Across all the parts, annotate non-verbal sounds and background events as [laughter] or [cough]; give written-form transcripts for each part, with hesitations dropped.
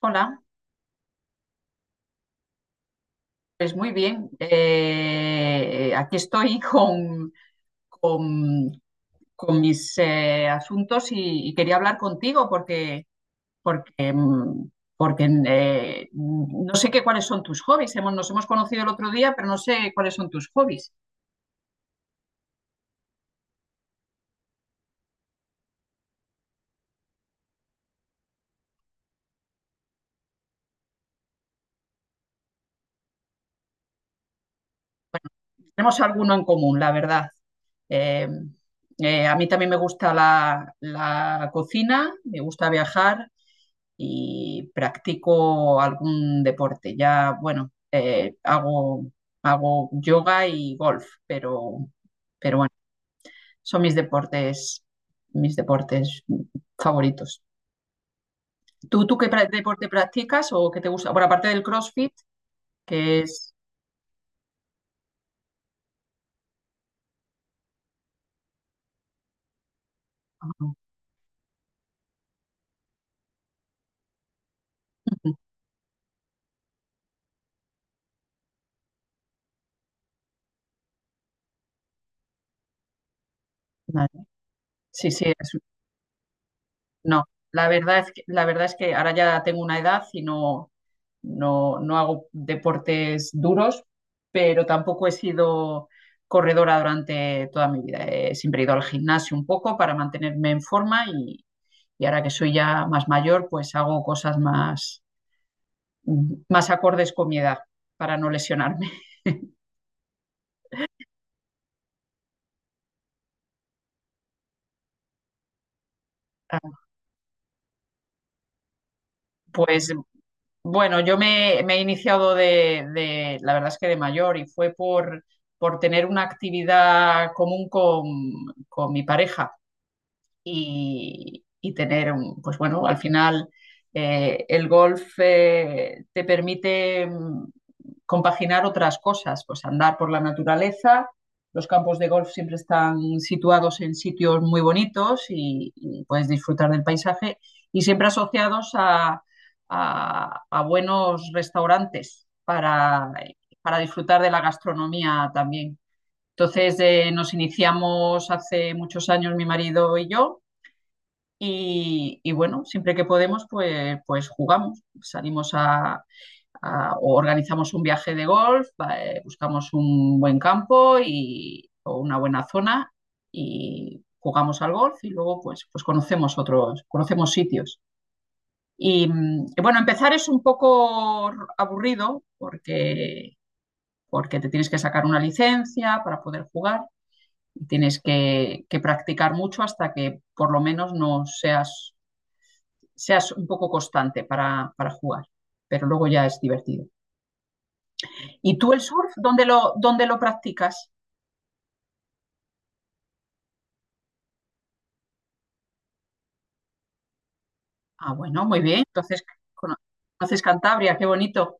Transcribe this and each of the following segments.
Hola, pues muy bien. Aquí estoy [laughs] con- con mis asuntos y quería hablar contigo porque, mm, porque no sé qué cuáles son tus hobbies. Nos hemos conocido el otro día, pero no sé cuáles son tus hobbies. Tenemos alguno en común, la verdad. Eh, a mí también me gusta la cocina, me gusta viajar y practico algún deporte. Ya, bueno, hago yoga y golf, pero bueno, son mis deportes favoritos. ¿Tú qué deporte practicas o qué te gusta? Bueno, aparte del CrossFit, que es. [laughs] Ujú, ujú. Vale. Sí, sí, es no, la verdad es que ahora ya tengo una edad y no hago deportes duros, pero tampoco he sido corredora durante toda mi vida. He siempre ido al gimnasio un poco para mantenerme en forma y ahora que soy ya más mayor, pues hago cosas más acordes con mi edad para no lesionarme. [laughs] Pues bueno, yo me he iniciado la verdad es que de mayor y fue por tener una actividad común con mi pareja y tener pues bueno, al final el golf te permite compaginar otras cosas, pues andar por la naturaleza. Los campos de golf siempre están situados en sitios muy bonitos y puedes disfrutar del paisaje y siempre asociados a, a buenos restaurantes para disfrutar de la gastronomía también. Entonces nos iniciamos hace muchos años mi marido y yo y bueno, siempre que podemos, pues jugamos, salimos o organizamos un viaje de golf, va, buscamos un buen campo o una buena zona y jugamos al golf y luego pues conocemos otros, conocemos sitios. Y y bueno, empezar es un poco aburrido porque te tienes que sacar una licencia para poder jugar y tienes que practicar mucho hasta que por lo menos no seas un poco constante para jugar, pero luego ya es divertido. ¿Y tú el surf, dónde lo practicas? Ah, bueno, muy bien. Entonces, cono- conoces Cantabria, qué bonito.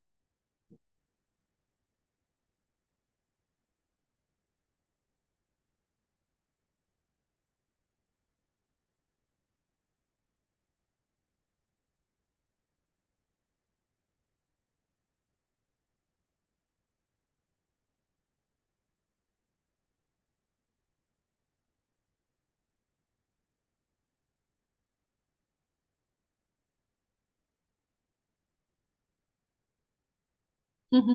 Ujú,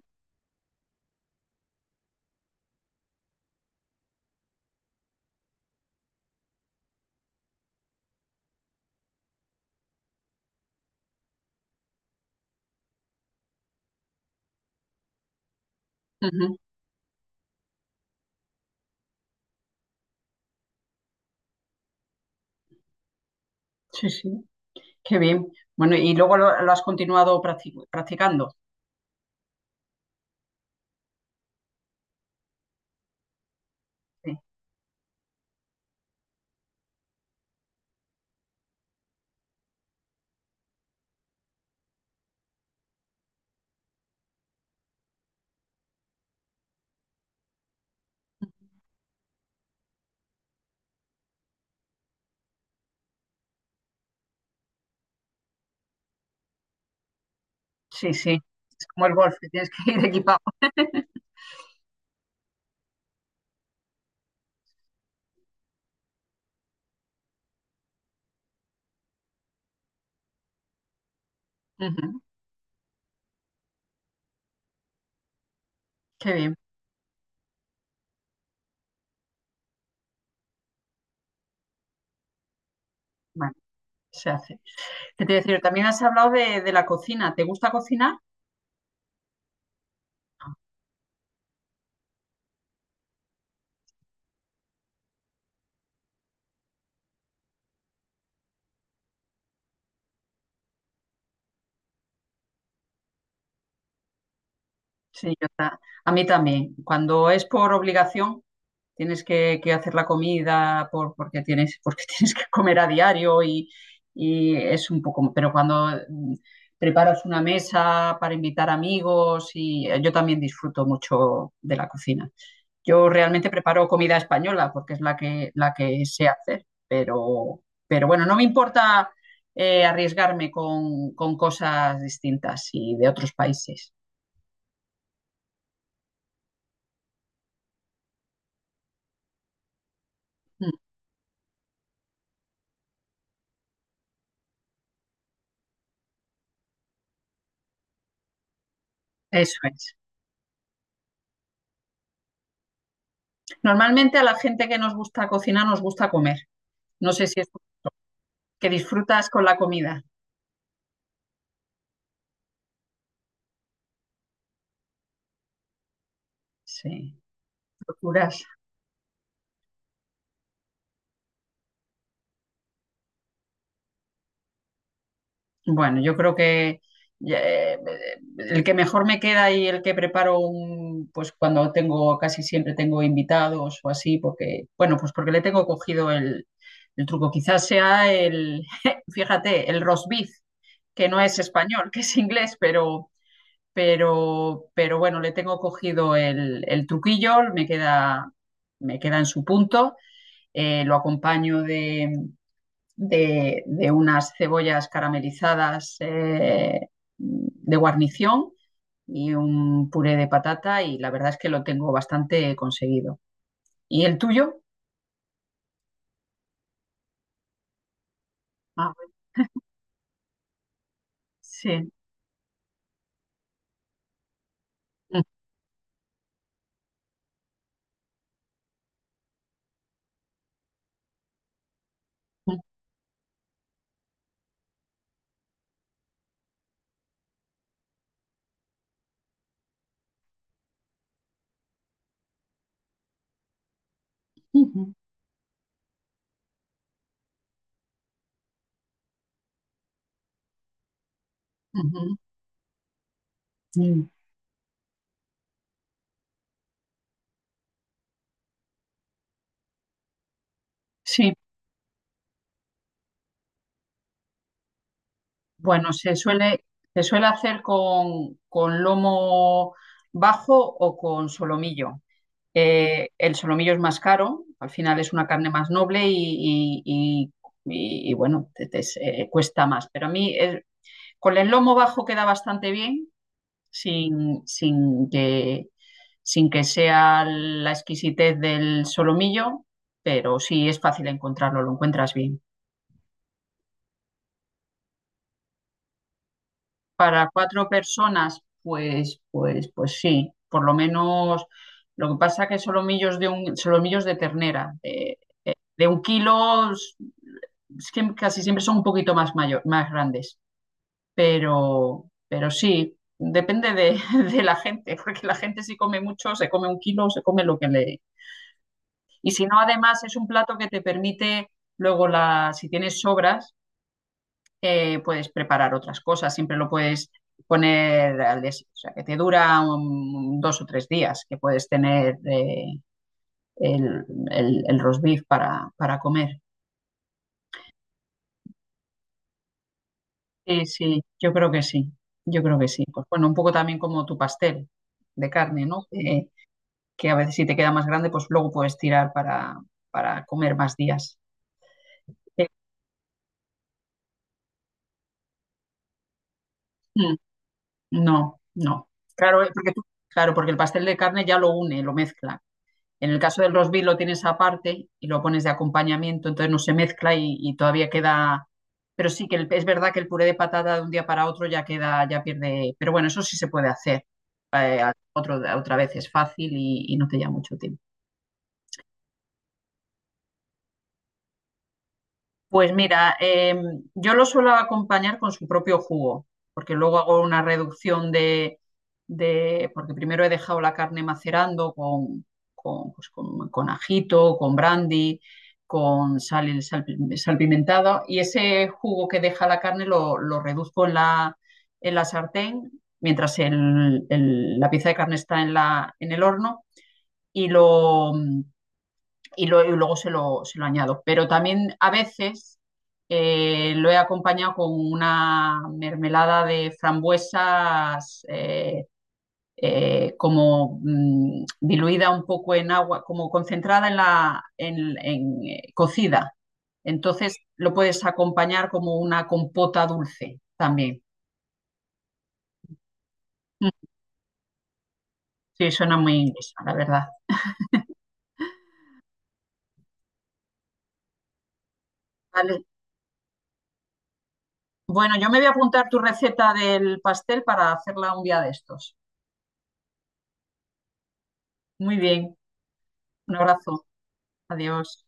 ujú. Sí, sí, qué bien. Bueno, y luego lo has continuado practicando. Sí, sí, sí. Es como el golf, que tienes que ir [laughs] equipado. Ujú. Qué bien. Bueno, se hace. ¿Qué te iba a decir? También has hablado de la cocina. ¿Te gusta cocinar? Ah, sí, a mí también. Cuando es por obligación, tienes que hacer la comida porque [laughs] tienes que comer a diario y es un poco, pero cuando preparas una mesa para invitar amigos y yo también disfruto mucho de la cocina. Yo realmente preparo comida española porque es la que sé hacer, pero bueno, no me importa arriesgarme con cosas distintas y de otros países. Mm. Eso es. Normalmente a la gente que nos gusta cocinar nos gusta comer. No sé si es que disfrutas con la comida. Sí, locuras. Bueno, yo creo que eh, el que mejor me queda y el que preparo pues cuando tengo, casi siempre tengo invitados o así, porque, bueno, pues porque le tengo cogido el truco. Quizás sea el, [laughs] fíjate, el roast beef, que no es español, que es inglés, pero bueno, le tengo cogido el truquillo, me queda en su punto. Lo acompaño de unas cebollas caramelizadas de guarnición y un puré de patata y la verdad es que lo tengo bastante conseguido. ¿Y el tuyo? Ah, sí. Ujú, ujú, ujú. Mm. Sí, bueno, se suele hacer con lomo bajo o con solomillo. El solomillo es más caro, al final es una carne más noble y, bueno, te cuesta más. Pero a mí con el lomo bajo queda bastante bien, sin, sin que, sin que sea la exquisitez del solomillo, pero sí es fácil encontrarlo, lo encuentras bien. Para cuatro personas, pues sí, por lo menos lo que pasa que solomillos de ternera, de un kilo es que casi siempre son un poquito más mayor, más grandes, pero sí, depende de, [laughs] de la gente, porque la gente si come mucho, se come un kilo, se come lo que le. Y si no, además es un plato que te permite luego, si tienes sobras, puedes preparar otras cosas, siempre lo puedes poner o sea, que te dura 2 o 3 días, que puedes tener el, el roast beef para comer. Sí, sí, yo creo que sí, yo creo que sí. Pues bueno, un poco también como tu pastel de carne, ¿no? Que a veces si te queda más grande, pues luego puedes tirar para comer más días. Eh, mm, no, no. Claro, claro, porque el pastel de carne ya lo une, lo mezcla. En el caso del rosbif lo tienes aparte y lo pones de acompañamiento, entonces no se mezcla y todavía queda. Pero sí que es verdad que el puré de patata de un día para otro ya queda, ya pierde. Pero bueno, eso sí se puede hacer. Otra vez es fácil y no te lleva mucho tiempo. Pues mira, yo lo suelo acompañar con su propio jugo, porque luego hago una reducción porque primero he dejado la carne macerando con ajito, con brandy, con sal, y sal, salpimentado, y ese jugo que deja la carne lo reduzco en la sartén mientras la pieza de carne está en el horno y lo y luego se lo añado. Pero también a veces lo he acompañado con una mermelada de frambuesas como diluida un poco en agua, como concentrada en la, cocida. Entonces lo puedes acompañar como una compota dulce también. Mm, sí, suena muy inglesa, la verdad. Vale. Bueno, yo me voy a apuntar tu receta del pastel para hacerla un día de estos. Muy bien, un abrazo. Adiós.